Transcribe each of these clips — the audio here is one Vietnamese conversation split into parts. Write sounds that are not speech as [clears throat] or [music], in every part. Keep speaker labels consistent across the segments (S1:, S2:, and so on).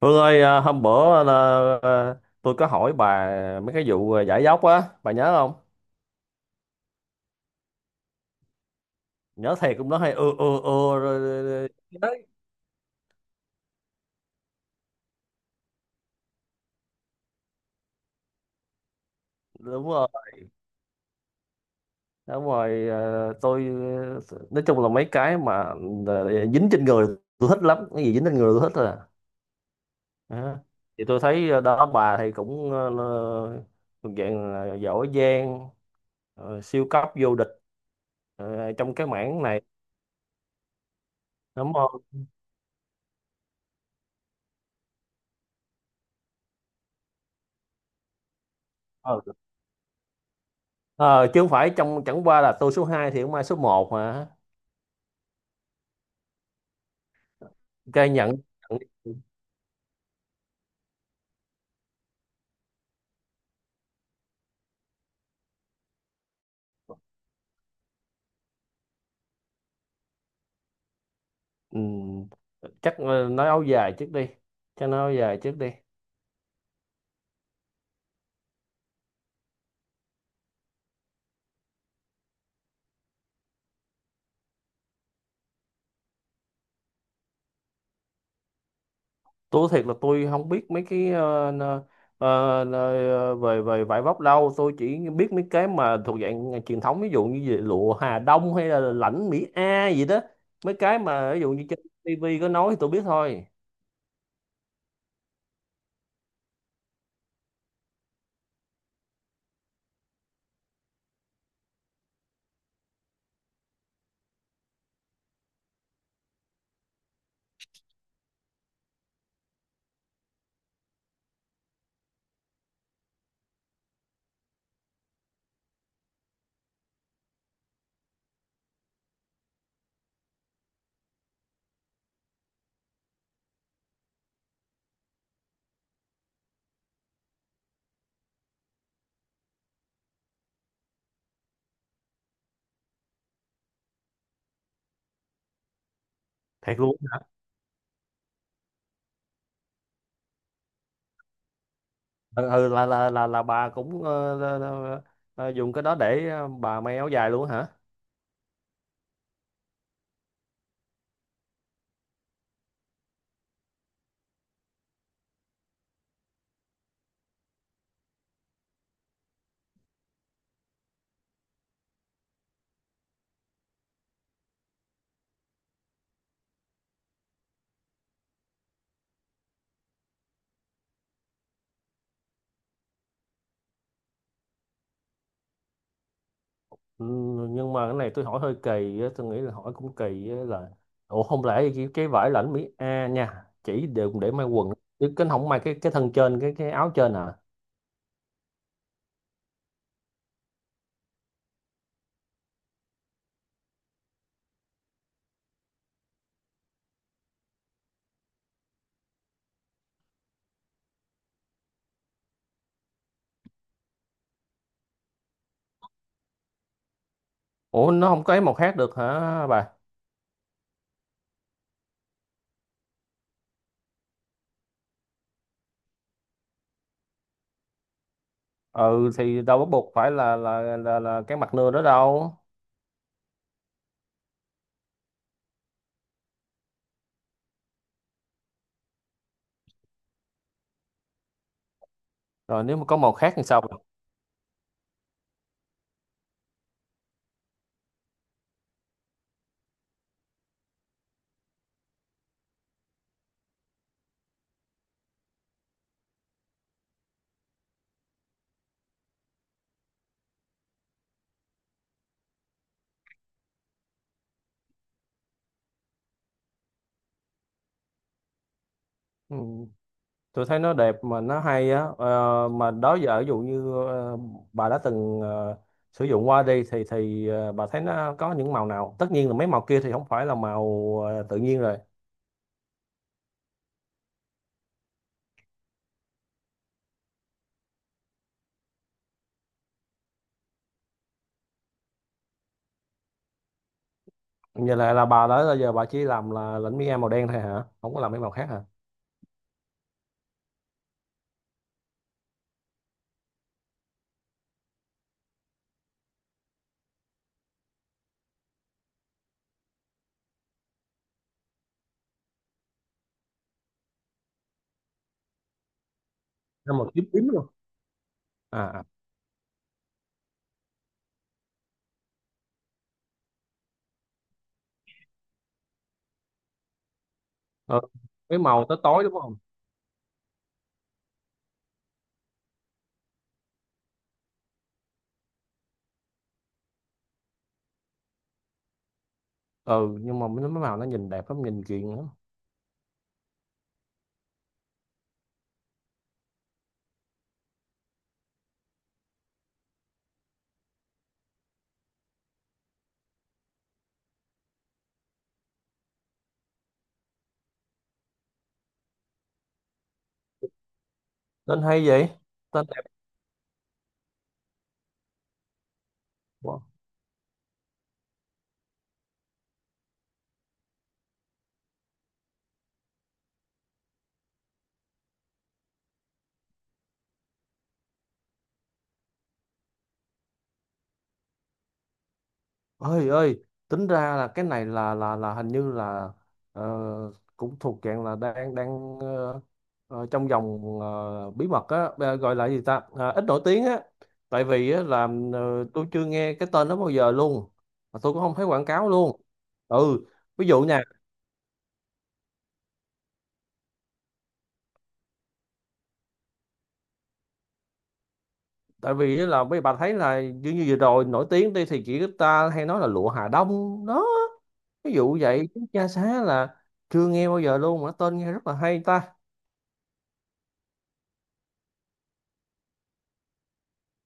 S1: Hương ơi, hôm bữa là, à, tôi có hỏi bà mấy cái vụ, giải dốc á, bà nhớ không? Nhớ thiệt cũng nói hay, ừ, rồi, rồi, rồi. Đúng rồi. Đúng rồi, tôi, nói chung là mấy cái mà dính trên người tôi thích lắm, cái gì dính trên người tôi thích à. Đó. Thì tôi thấy, đó bà thì cũng, thuộc dạng là giỏi giang, siêu cấp vô địch trong cái mảng này, đúng không? Ờ. Ờ, chứ không phải trong, chẳng qua là tôi số 2 thì không ai số một mà. Cái nhận, nhận ừm, Chắc nói áo dài trước đi, chắc nói áo dài trước đi. Tôi thiệt là tôi không biết mấy cái ờ, về về vải vóc đâu, tôi chỉ biết mấy cái mà thuộc dạng truyền thống, ví dụ như về lụa Hà Đông hay là lãnh Mỹ A gì đó. Mấy cái mà ví dụ như trên tivi có nói thì tôi biết thôi. Thiệt luôn. Ừ, ừ, là bà cũng là dùng cái đó để, bà may áo dài luôn hả? Ừ, nhưng mà cái này tôi hỏi hơi kỳ á, tôi nghĩ là hỏi cũng kỳ á là, ủa không lẽ cái vải lãnh Mỹ A nha chỉ được để may quần, chứ cái không may cái thân trên cái áo trên à? Ủa nó không có ấy màu khác được hả bà? Ừ thì đâu bắt buộc phải là cái mặt nưa đó đâu. Rồi nếu mà có màu khác thì sao bà? Ừ. Tôi thấy nó đẹp mà nó hay á. Ờ, mà đó giờ ví dụ như, bà đã từng, sử dụng qua đi thì bà thấy nó có những màu nào, tất nhiên là mấy màu kia thì không phải là màu tự nhiên rồi. Như là bà đó là giờ bà chỉ làm là lĩnh mi màu đen thôi hả, không có làm mấy màu khác hả? Nó màu tím tím luôn. À à. Ừ. Mấy màu tới tối đúng không? Ừ nhưng mà mấy mấy màu nó nhìn đẹp lắm, nhìn chuyện lắm. Tên hay vậy. Tên đẹp quá. Ơi ơi tính ra là cái này là hình như là, ờ, cũng thuộc dạng là đang đang ờ, ờ, trong vòng, bí mật á, gọi là gì ta. Ờ, ít nổi tiếng á, tại vì á là, tôi chưa nghe cái tên đó bao giờ luôn, mà tôi cũng không thấy quảng cáo luôn. Ừ. Ví dụ nha, tại vì á là mấy bà thấy là như như vừa rồi nổi tiếng đi thì chỉ ta hay nói là lụa Hà Đông đó. Ví dụ vậy chứ cha xá là chưa nghe bao giờ luôn, mà tên nghe rất là hay ta.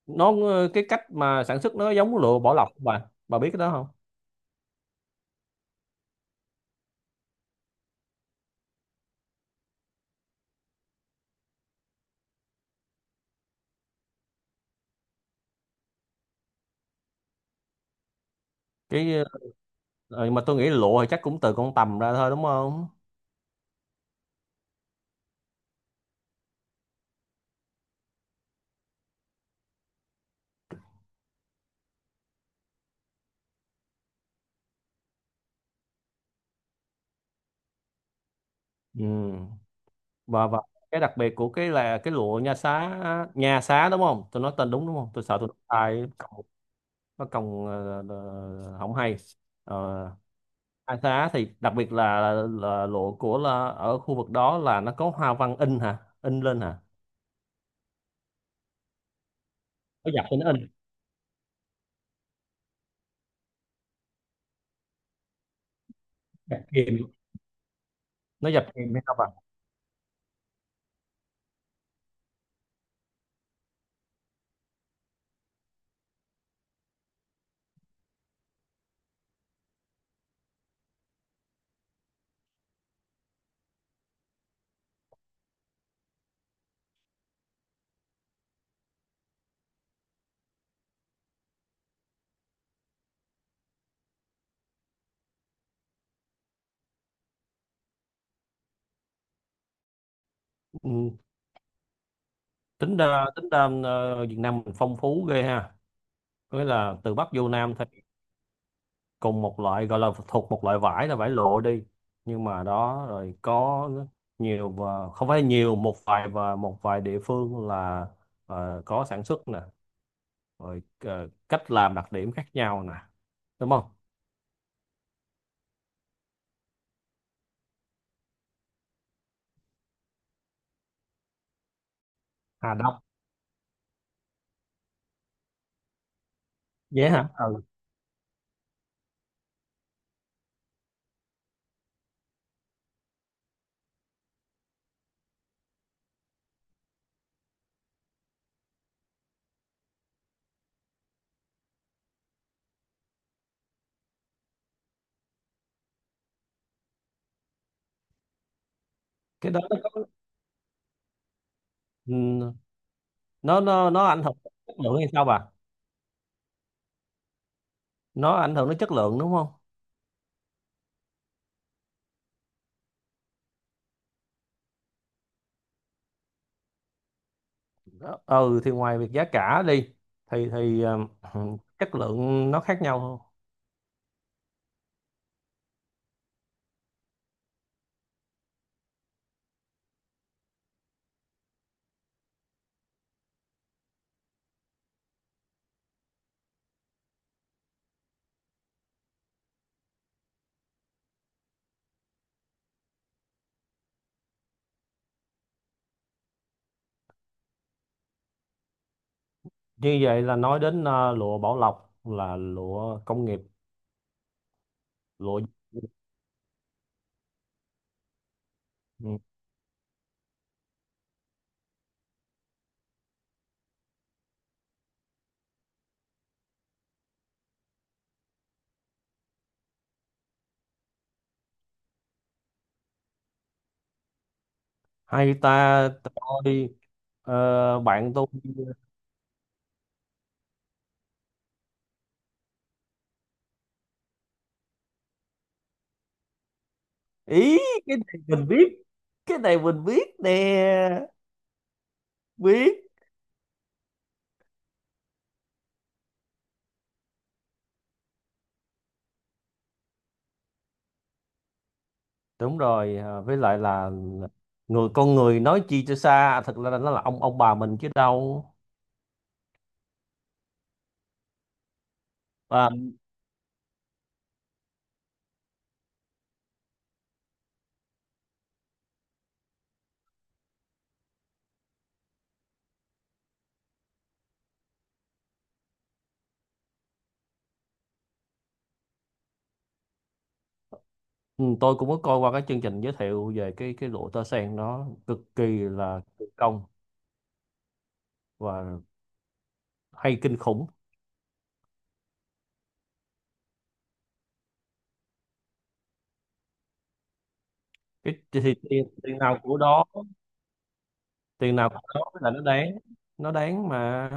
S1: Nó cái cách mà sản xuất nó giống lụa bỏ lọc bà biết cái đó không? Cái mà tôi nghĩ lụa thì chắc cũng từ con tằm ra thôi, đúng không? Ừ. Và cái đặc biệt của cái là cái lụa nha xá, nha xá đúng không, tôi nói tên đúng đúng không, tôi sợ tôi nói sai cộng nó cộng, không hay. Ờ, nha xá thì đặc biệt là lụa của là ở khu vực đó là nó có hoa văn in hả, in lên hả, nó dập thì nó in, dập kìm, nó dập kìm hay sao bà? Ừ, tính ra tính ra, Việt Nam mình phong phú ghê ha, nghĩa là từ Bắc vô Nam thì cùng một loại, gọi là thuộc một loại vải là vải lụa đi, nhưng mà đó rồi có nhiều, và không phải nhiều, một vài, và một vài địa phương là, có sản xuất nè, rồi cách làm đặc điểm khác nhau nè, đúng không? Hà Đông. Vậy hả. Ừ. Cái đó nó có, ừ, nó ảnh hưởng đến chất lượng hay sao bà? Nó ảnh hưởng đến chất lượng đúng không? Ừ thì ngoài việc giá cả đi thì [clears throat] chất lượng nó khác nhau. Như vậy là nói đến, lụa Bảo Lộc là lụa công nghiệp. Lụa. Ừ. Hay ta. Tôi, bạn tôi. Ý, cái này mình biết, cái này mình biết nè, biết. Đúng rồi, với lại là người con người, nói chi cho xa, thật ra là nó là ông bà mình chứ đâu. À. Ừ, tôi cũng có coi qua cái chương trình giới thiệu về cái lụa tơ sen, nó cực kỳ là kỳ công và hay kinh khủng. Cái thì, thì tiền nào của đó, tiền nào của đó là nó đáng, nó đáng mà,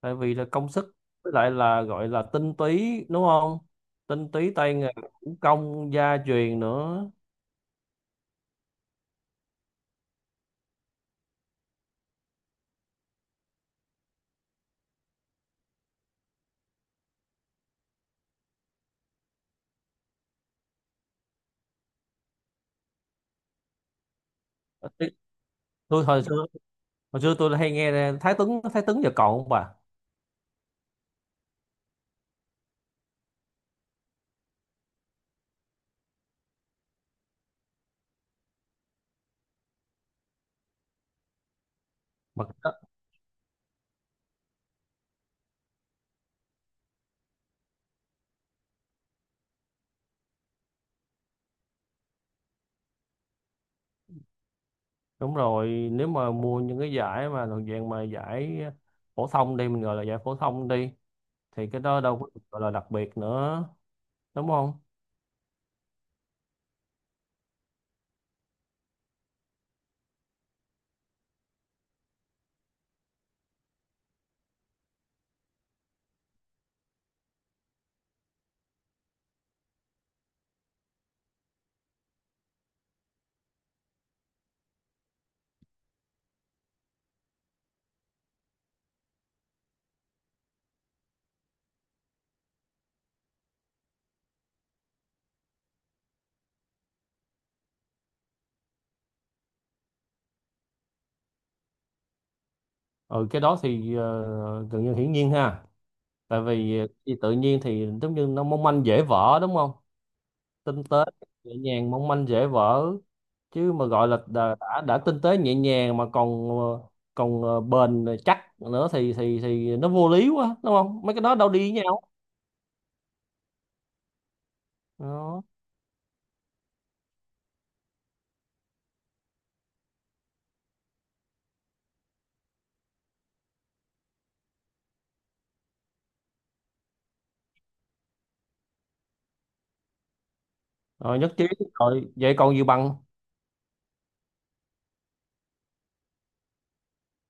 S1: tại vì là công sức, với lại là gọi là tinh túy đúng không, tinh túy tay nghề, thủ công gia truyền nữa. Tôi hồi xưa, hồi xưa tôi hay nghe Thái Tuấn. Thái Tuấn giờ còn không bà? Mặc. Đúng rồi, nếu mà mua những cái giải mà thuộc dạng mà giải phổ thông đi, mình gọi là giải phổ thông đi, thì cái đó đâu có được gọi là đặc biệt nữa, đúng không? Ừ, cái đó thì gần như hiển nhiên ha. Tại vì thì tự nhiên thì giống như nó mong manh dễ vỡ đúng không? Tinh tế, nhẹ nhàng, mong manh dễ vỡ. Chứ mà gọi là đã tinh tế nhẹ nhàng mà còn còn bền chắc nữa thì thì nó vô lý quá, đúng không? Mấy cái đó đâu đi với nhau. Đó. Rồi nhất trí rồi, vậy còn gì bằng